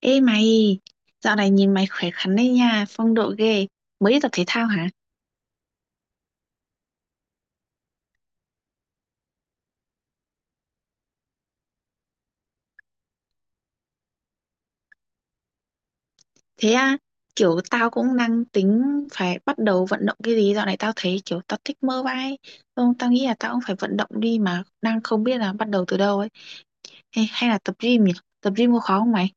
Ê mày, dạo này nhìn mày khỏe khoắn đấy nha, phong độ ghê. Mới đi tập thể thao hả? Thế à, kiểu tao cũng đang tính phải bắt đầu vận động cái gì. Dạo này tao thấy kiểu tao thích mơ vai. Không, tao nghĩ là tao cũng phải vận động đi mà đang không biết là bắt đầu từ đâu ấy. Hay là tập gym nhỉ? Tập gym có khó không mày?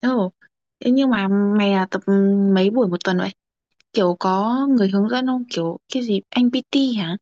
Ồ, thế nhưng mà mày là tập mấy buổi một tuần vậy? Kiểu có người hướng dẫn không? Kiểu cái gì, anh PT hả?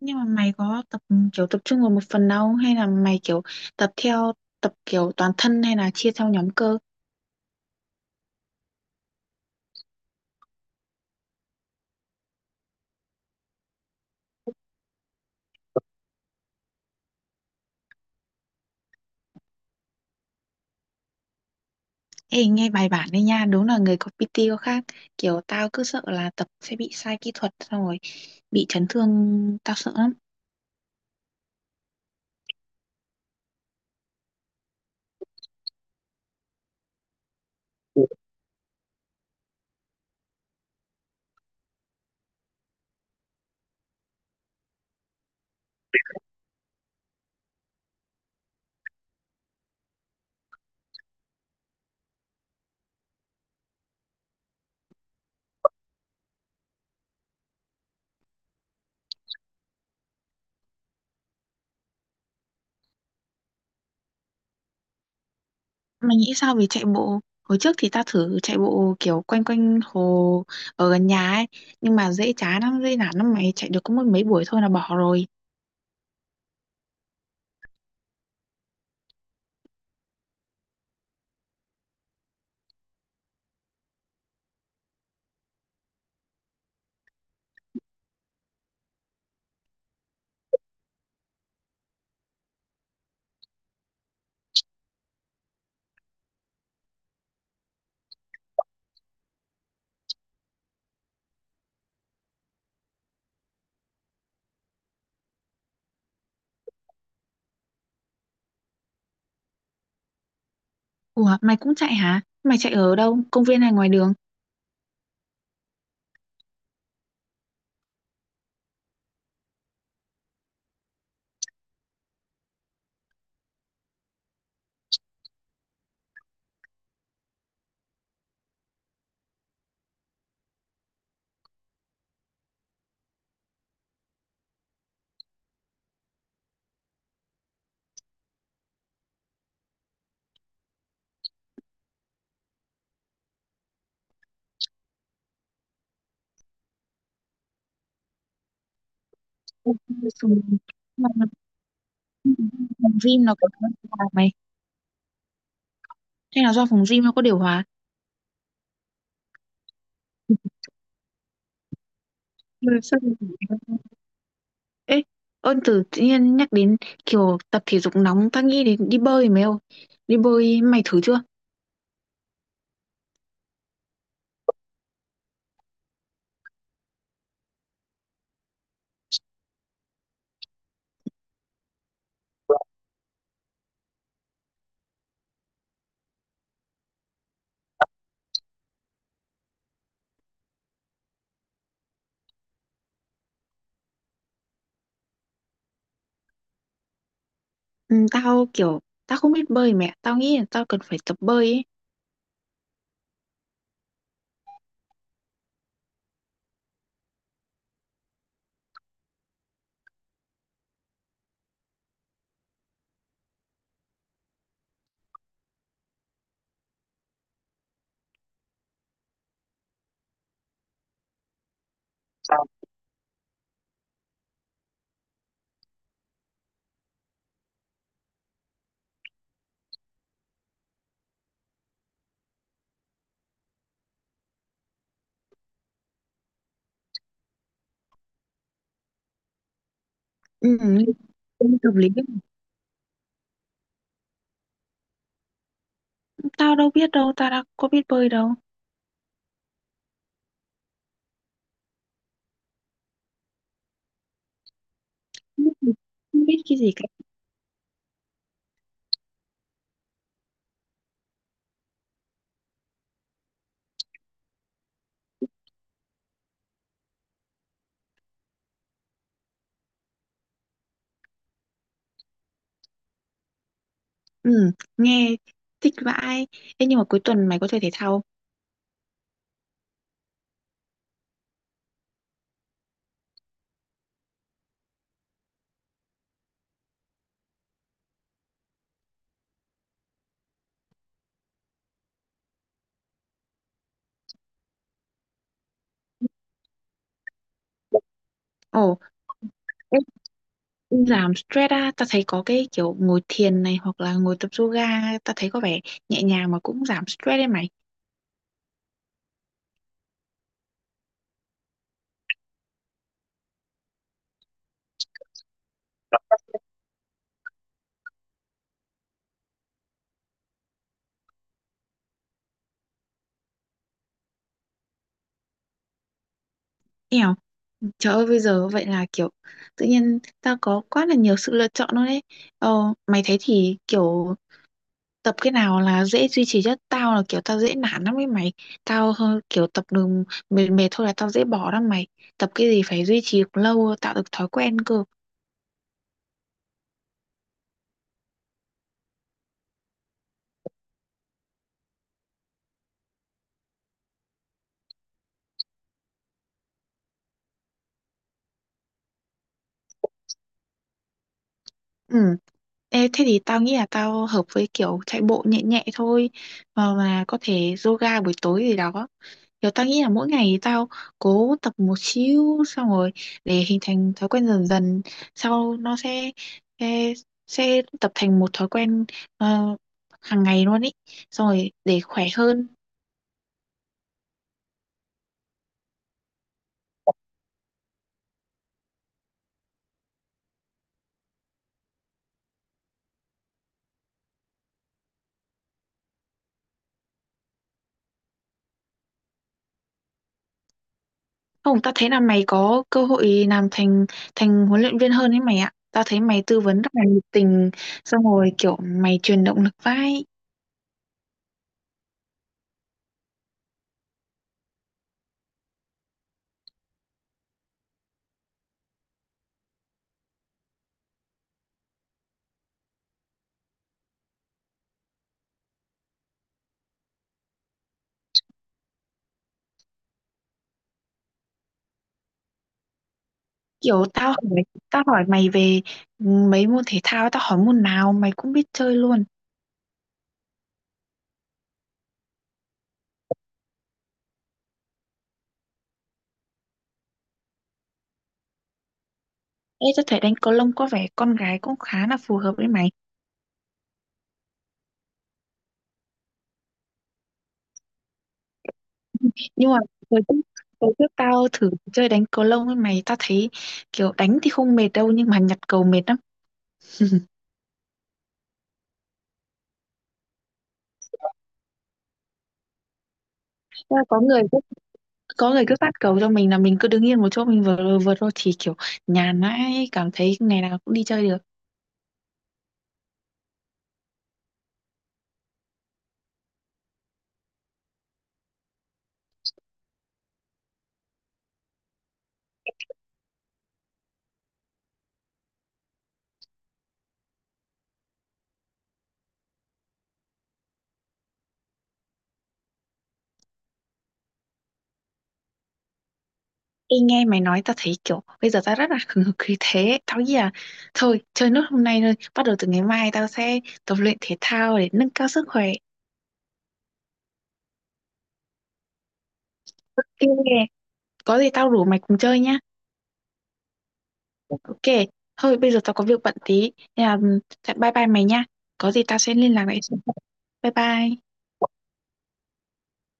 Nhưng mà mày có tập kiểu tập trung vào một phần đâu hay là mày kiểu tập theo tập kiểu toàn thân hay là chia theo nhóm cơ? Ê nghe bài bản đấy nha, đúng là người có PT có khác. Kiểu tao cứ sợ là tập sẽ bị sai kỹ thuật xong rồi bị chấn thương, tao sợ lắm. Mày nghĩ sao về chạy bộ? Hồi trước thì tao thử chạy bộ kiểu quanh quanh hồ ở gần nhà ấy, nhưng mà dễ chán lắm, dễ nản lắm mày chạy được có mỗi mấy buổi thôi là bỏ rồi. Ủa, mày cũng chạy hả? Mày chạy ở đâu? Công viên hay ngoài đường? Ừ, xong rồi. Ừm, Phòng gym nó có điều hòa mày? Hay là do phòng gym nó có điều hòa? Ừ, sao mình không biết? Ê, ơn từ tự nhiên nhắc đến kiểu tập thể dục nóng tao nghĩ đến đi bơi mày ơi, đi bơi mày thử chưa? Ừ, tao kiểu tao không biết bơi mẹ tao nghĩ là tao cần phải tập bơi ấy. Sao? Ừ, nên tập lý tao đâu biết đâu tao đã có biết bơi đâu. Không biết, không biết cái gì cả. Ừ, nghe thích vãi. Ê, nhưng mà cuối tuần mày có chơi thể thao không? Ồ. Giảm stress á, ta thấy có cái kiểu ngồi thiền này hoặc là ngồi tập yoga, ta thấy có vẻ nhẹ nhàng mà cũng giảm stress đấy mày. Eo, trời ơi bây giờ vậy là kiểu tự nhiên ta có quá là nhiều sự lựa chọn luôn đấy. Ờ, mày thấy thì kiểu tập cái nào là dễ duy trì nhất? Tao là kiểu tao dễ nản lắm ấy mày. Tao hơi kiểu tập đường mệt mệt thôi là tao dễ bỏ lắm mày. Tập cái gì phải duy trì lâu tạo được thói quen cơ. Ừ. Ê, thế thì tao nghĩ là tao hợp với kiểu chạy bộ nhẹ nhẹ thôi mà có thể yoga buổi tối gì đó. Kiểu tao nghĩ là mỗi ngày thì tao cố tập một xíu xong rồi để hình thành thói quen dần dần sau nó sẽ sẽ, sẽ tập thành một thói quen ờ, hàng ngày luôn ý xong rồi để khỏe hơn. Không, tao thấy là mày có cơ hội làm thành thành huấn luyện viên hơn ấy mày ạ. Tao thấy mày tư vấn rất là nhiệt tình xong rồi kiểu mày truyền động lực vai. Kiểu tao hỏi, Tao hỏi mày về mấy môn thể thao, tao hỏi môn nào mày cũng biết chơi luôn. Ê, tao thấy đánh cầu lông có vẻ con gái cũng khá là phù hợp với mày. Nhưng mà hồi trước, hồi trước tao thử chơi đánh cầu lông với mày, tao thấy kiểu đánh thì không mệt đâu nhưng mà nhặt cầu mệt lắm. Thế là có người cứ, có người cứ phát cầu cho mình là mình cứ đứng yên một chỗ mình vừa vượt thôi thì kiểu nhàn ấy, cảm thấy ngày nào cũng đi chơi được. Ê, nghe mày nói tao thấy kiểu bây giờ tao rất là hừng hực khí thế tao nghĩ là thôi chơi nốt hôm nay thôi bắt đầu từ ngày mai tao sẽ tập luyện thể thao để nâng cao sức khỏe. Ok, có gì tao rủ mày cùng chơi nhá. Ok, thôi bây giờ tao có việc bận tí nên là ừ, bye bye mày nha, có gì tao sẽ liên lạc lại sau. Bye bye.